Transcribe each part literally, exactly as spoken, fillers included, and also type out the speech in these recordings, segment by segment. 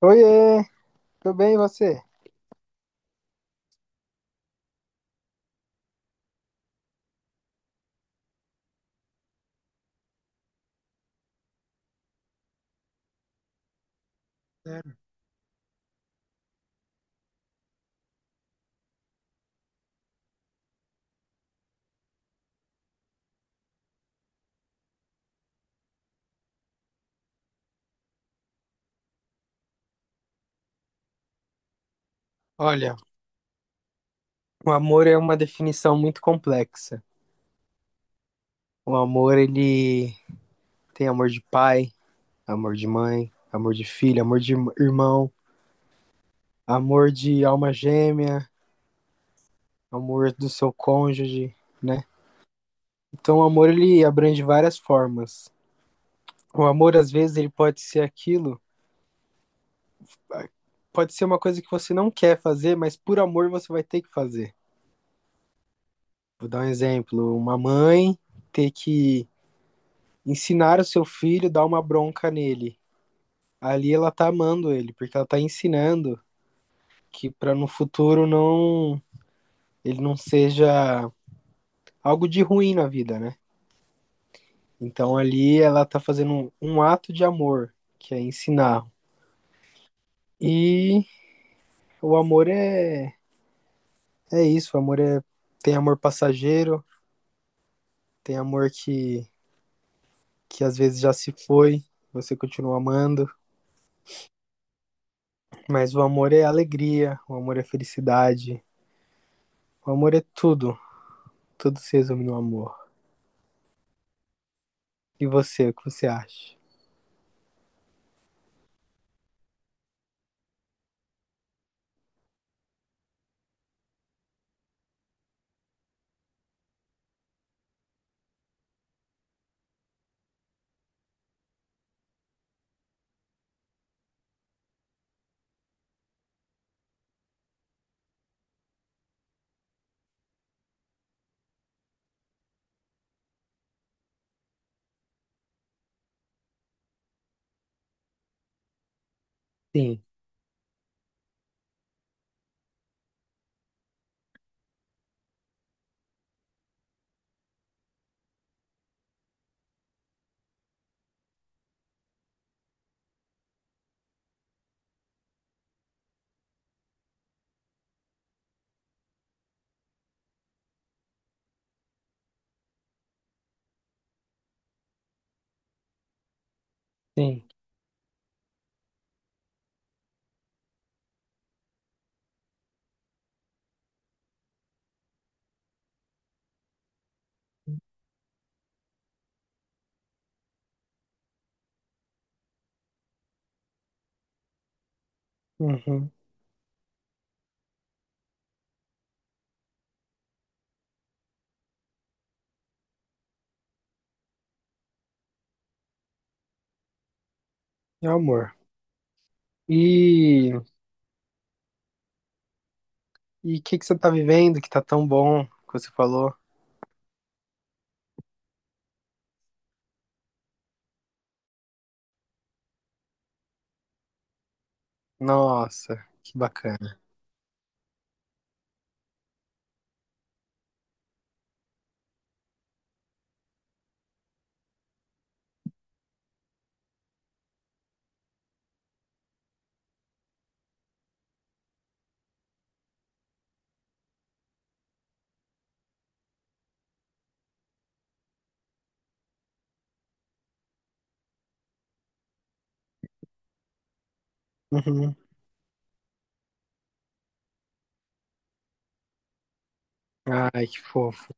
Oiê, tudo bem e você? Olha, o amor é uma definição muito complexa. O amor, ele tem amor de pai, amor de mãe, amor de filho, amor de irm- irmão, amor de alma gêmea, amor do seu cônjuge, né? Então, o amor, ele abrange várias formas. O amor, às vezes, ele pode ser aquilo, pode ser uma coisa que você não quer fazer, mas por amor você vai ter que fazer. Vou dar um exemplo, uma mãe ter que ensinar o seu filho, dar uma bronca nele. Ali ela tá amando ele, porque ela tá ensinando que para no futuro não ele não seja algo de ruim na vida, né? Então ali ela tá fazendo um, um ato de amor, que é ensinar. E o amor é é isso, o amor é tem amor passageiro, tem amor que que às vezes já se foi, você continua amando, mas o amor é alegria, o amor é felicidade, o amor é tudo. Tudo se resume no amor. E você, o que você acha? Sim, sim. Uhum. É amor. E e o que que você tá vivendo que tá tão bom que você falou? Nossa, que bacana. Uhum. Ai, que fofo.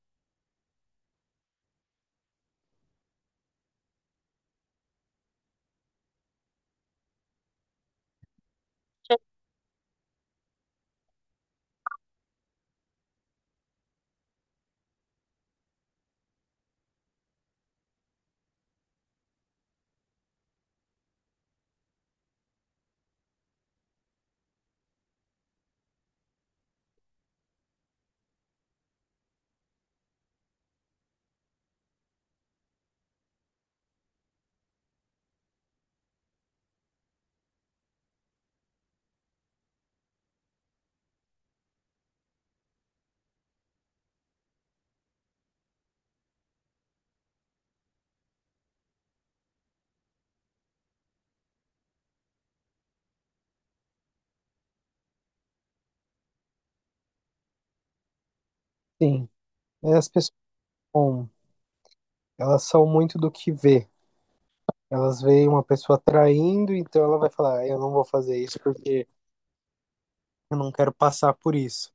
Sim, é, as pessoas, bom, elas são muito do que vê. Elas veem uma pessoa traindo, então ela vai falar: "Ah, eu não vou fazer isso porque eu não quero passar por isso.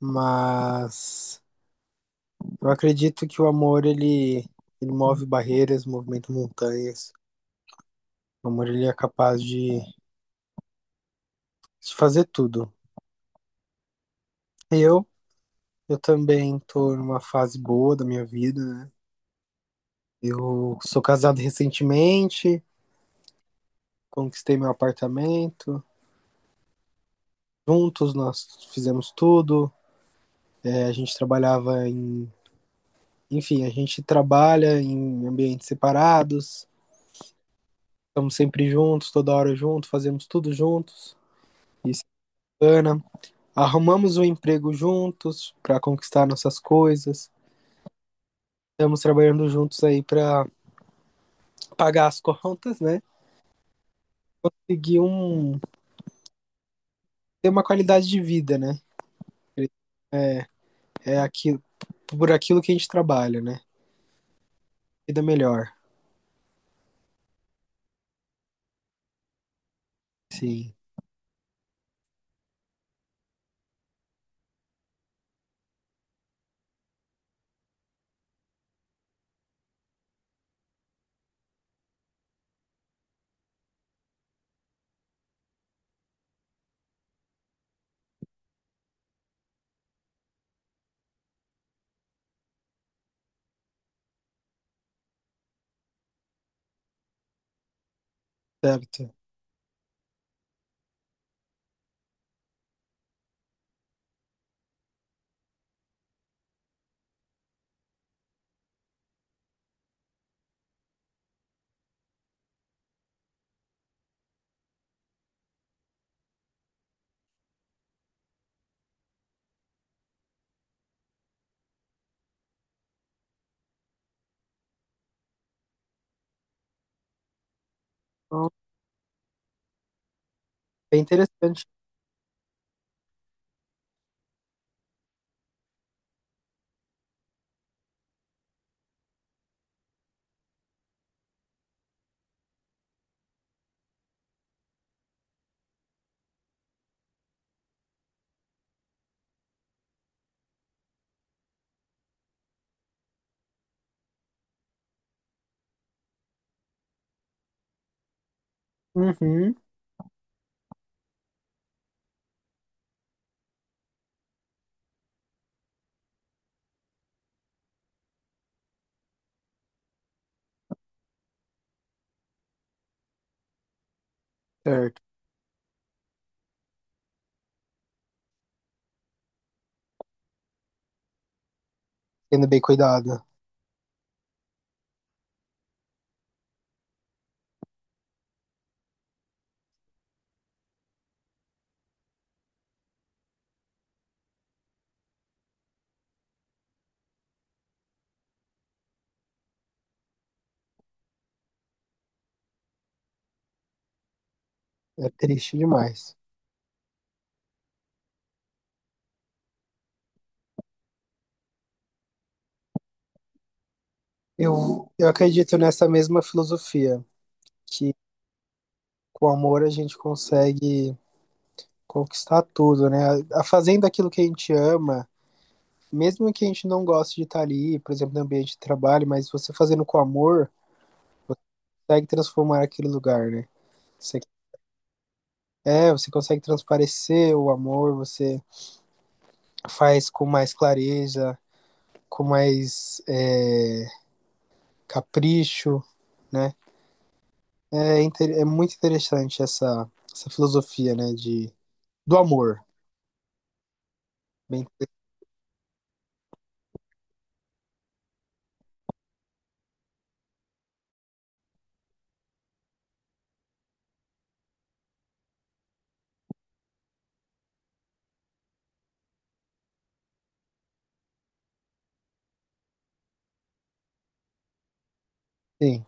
Mas eu acredito que o amor ele, ele move barreiras, movimenta montanhas. O amor, ele é capaz de, de fazer tudo. Eu, eu também tô numa fase boa da minha vida, né? Eu sou casado recentemente, conquistei meu apartamento. Juntos nós fizemos tudo. É, a gente trabalhava em. Enfim, a gente trabalha em ambientes separados. Estamos sempre juntos, toda hora juntos, fazemos tudo juntos. Isso é bacana. Arrumamos um emprego juntos para conquistar nossas coisas. Estamos trabalhando juntos aí para pagar as contas, né? Seguir um. Ter uma qualidade de vida, né? É, é aquilo, por aquilo que a gente trabalha, né? Vida melhor. Sim, certo. Então, é interessante. Uhum, certo. Sendo bem cuidado. É triste demais. Eu, eu acredito nessa mesma filosofia, que com amor a gente consegue conquistar tudo, né? A- a- Fazendo aquilo que a gente ama, mesmo que a gente não goste de estar ali, por exemplo, no ambiente de trabalho, mas você fazendo com amor, consegue transformar aquele lugar, né? Você, é, você consegue transparecer o amor, você faz com mais clareza, com mais é, capricho, né? É, inter, é muito interessante essa, essa filosofia, né, de, do amor. Bem, sim.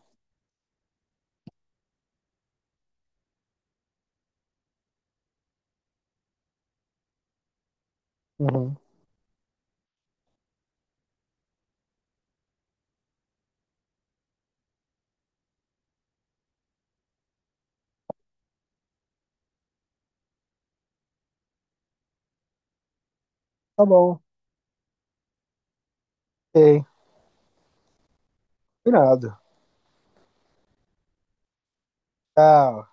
Uhum. Tá bom. Ok. Irado. Tchau.